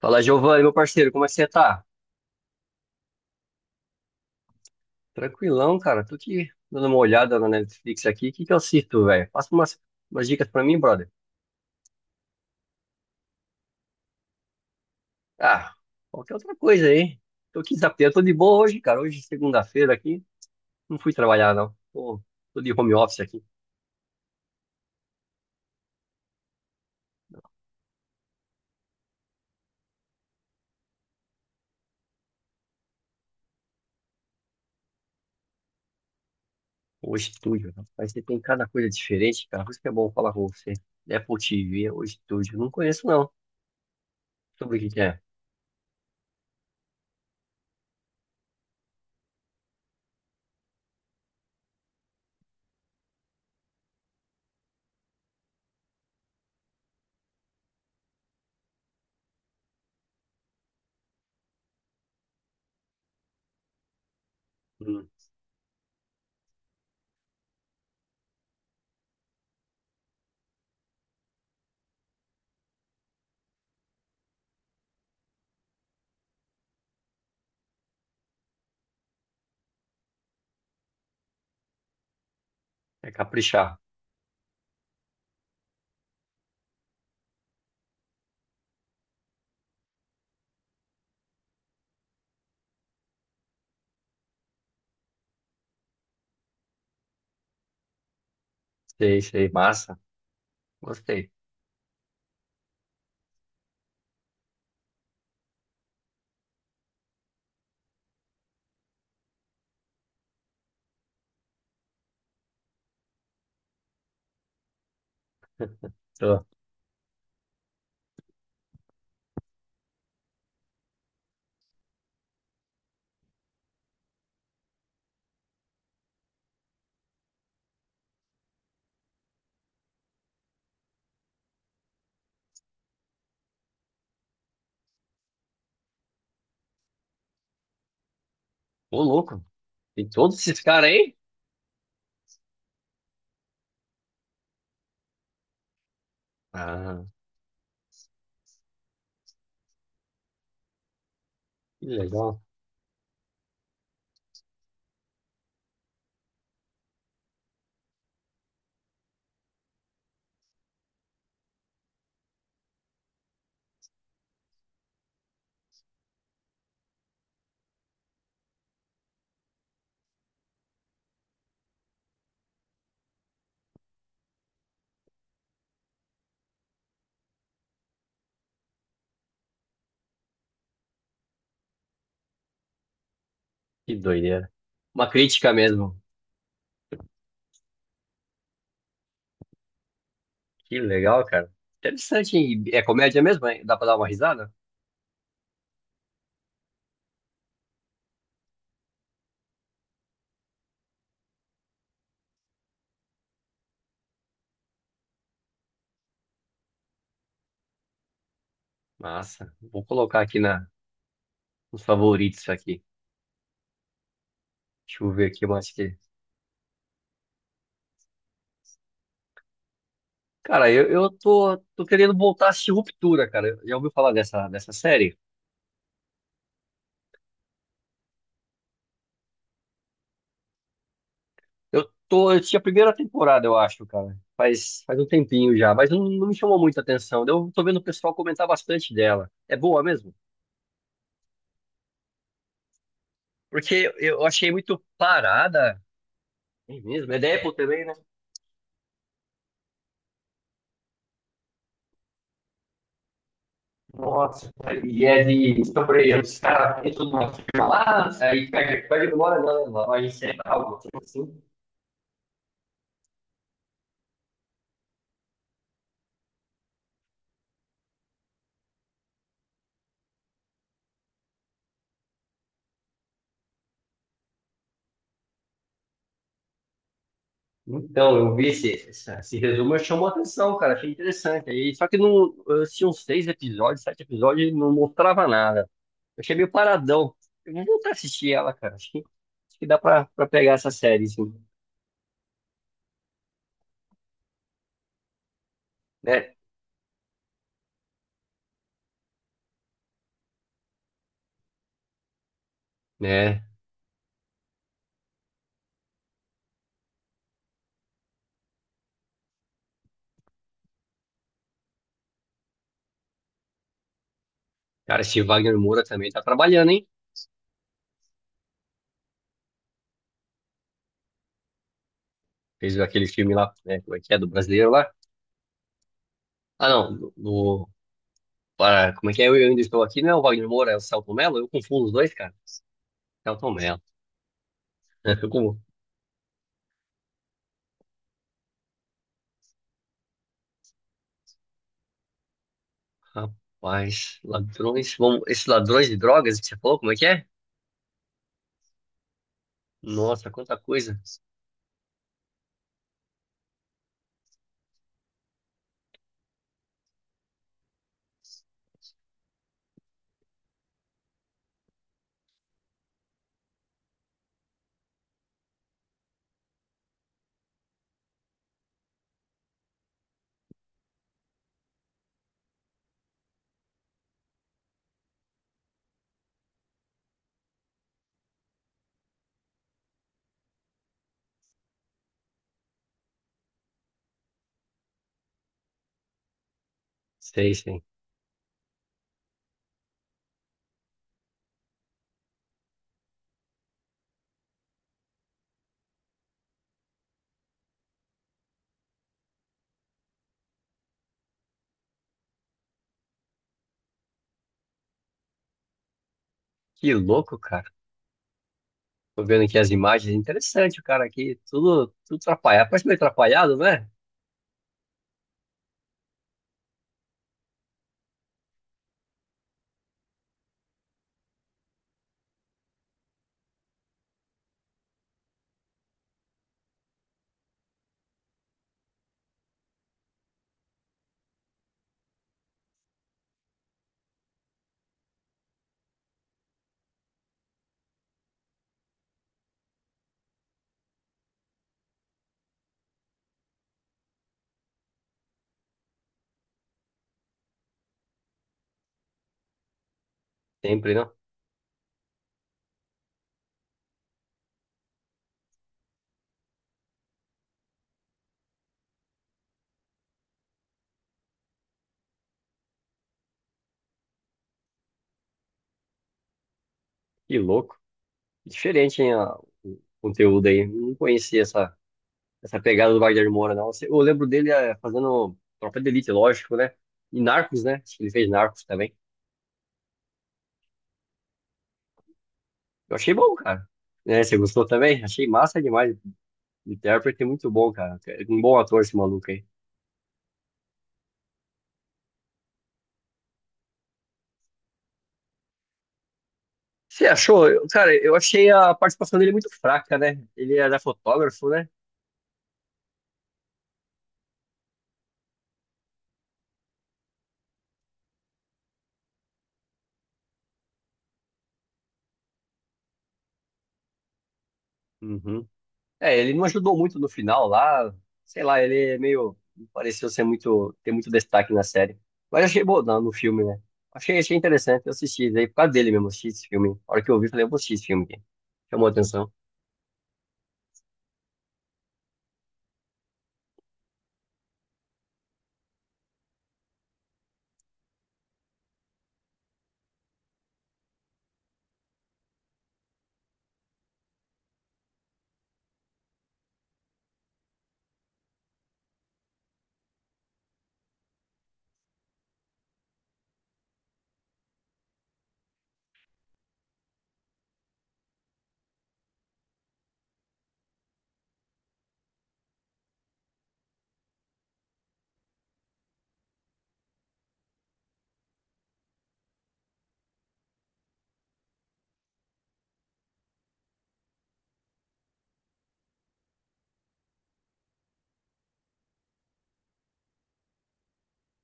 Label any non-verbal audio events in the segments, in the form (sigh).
Fala, Giovanni, meu parceiro, como é que você tá? Tranquilão, cara. Tô aqui dando uma olhada na Netflix aqui. O que que eu assisto, velho? Passa umas dicas pra mim, brother. Ah, qualquer outra coisa aí. Tô aqui zapeando. Tô de boa hoje, cara. Hoje é segunda-feira aqui. Não fui trabalhar, não. Tô de home office aqui. Hoje, estúdio, né? Mas você tem cada coisa diferente, cara. Por isso que é bom falar com você. É Apple TV, hoje, estúdio. Não conheço, não. Sobre o que que é. Hum, é caprichar. Sei, sei. Massa. Gostei. Tô. Ô, louco. Tem todos esses caras aí? Ah, que legal. Que doideira. Uma crítica mesmo. Que legal, cara. Interessante, hein? É comédia mesmo, hein? Dá pra dar uma risada? Massa. Vou colocar aqui nos favoritos aqui. Deixa eu ver aqui mais que. Cara, eu tô querendo voltar a assistir Ruptura, cara. Já ouviu falar dessa série? Eu tô, eu tinha a primeira temporada, eu acho, cara. Faz um tempinho já, mas não me chamou muita atenção. Eu tô vendo o pessoal comentar bastante dela. É boa mesmo? Porque eu achei muito parada. É mesmo? É Deadpool também, né? Nossa, e é de. Então, por exemplo, os caras entram numa firma lá, aí pega demora na loja central, alguma algo assim. Então, eu vi esse resumo, eu chamou a atenção, cara. Achei interessante. Aí, só que não, eu assisti uns seis episódios, sete episódios, e não mostrava nada. Eu achei meio paradão. Eu vou voltar a assistir ela, cara. Acho que dá pra, pra pegar essa série, assim, né? Né? Cara, esse Wagner Moura também tá trabalhando, hein? Fez aquele filme lá, né? Como é que é? Do brasileiro lá. Ah, não. Para, como é que é? Eu ainda estou aqui, não é o Wagner Moura, é o Celton Mello? Eu confundo os dois, cara. Celton Mello. (laughs) Eu como- Rapaz, ladrões. Vamos, esses ladrões de drogas que você falou, como é que é? Nossa, quanta coisa. Sei, sei. Que louco, cara. Tô vendo aqui as imagens. Interessante o cara aqui. Tudo atrapalhado. Parece meio atrapalhado, né? Sempre, não? Que louco. Diferente, hein, o conteúdo aí. Não conhecia essa, essa pegada do Wagner Moura, não. Eu lembro dele fazendo Tropa de Elite, lógico, né? E Narcos, né? Acho que ele fez Narcos também. Eu achei bom, cara. Né, você gostou também? Achei massa demais. O intérprete é muito bom, cara. É um bom ator esse maluco aí. Você achou? Cara, eu achei a participação dele muito fraca, né? Ele era fotógrafo, né? Uhum. É, ele não ajudou muito no final lá. Sei lá, ele é meio. Não pareceu ser muito ter muito destaque na série. Mas achei bom no filme, né? Achei interessante. Eu assisti daí por causa dele mesmo. Assisti esse filme. A hora que eu vi, falei, eu vou assistir esse filme aqui. Chamou a atenção.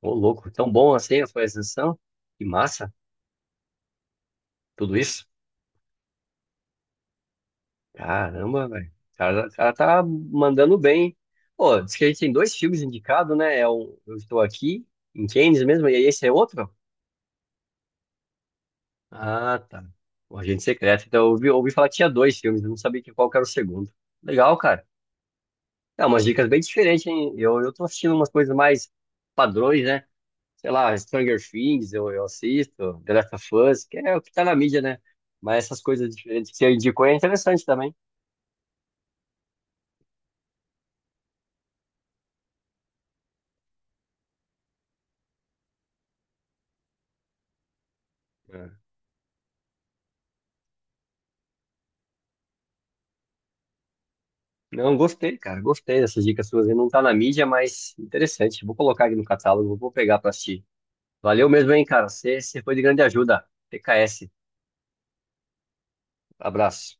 Ô, louco, tão bom assim a sua exceção. Que massa, tudo isso. Caramba, velho. O cara tá mandando bem, hein? Pô, diz que a gente tem dois filmes indicados, né? É o Eu Estou Aqui, em Cannes mesmo, e esse é outro? Ah, tá. O Agente Secreto. Então, ouvi falar que tinha dois filmes, eu não sabia que qual que era o segundo. Legal, cara. É, umas dicas bem diferentes, hein? Eu tô assistindo umas coisas mais padrões, né? Sei lá, Stranger Things, eu assisto, The Last of Us, que é o que tá na mídia, né? Mas essas coisas diferentes que você indicou é interessante também. É. Não, gostei, cara, gostei dessas dicas suas, hein? Não tá na mídia, mas interessante. Vou colocar aqui no catálogo, vou pegar pra assistir. Valeu mesmo, hein, cara. Você foi de grande ajuda. TKS. Abraço.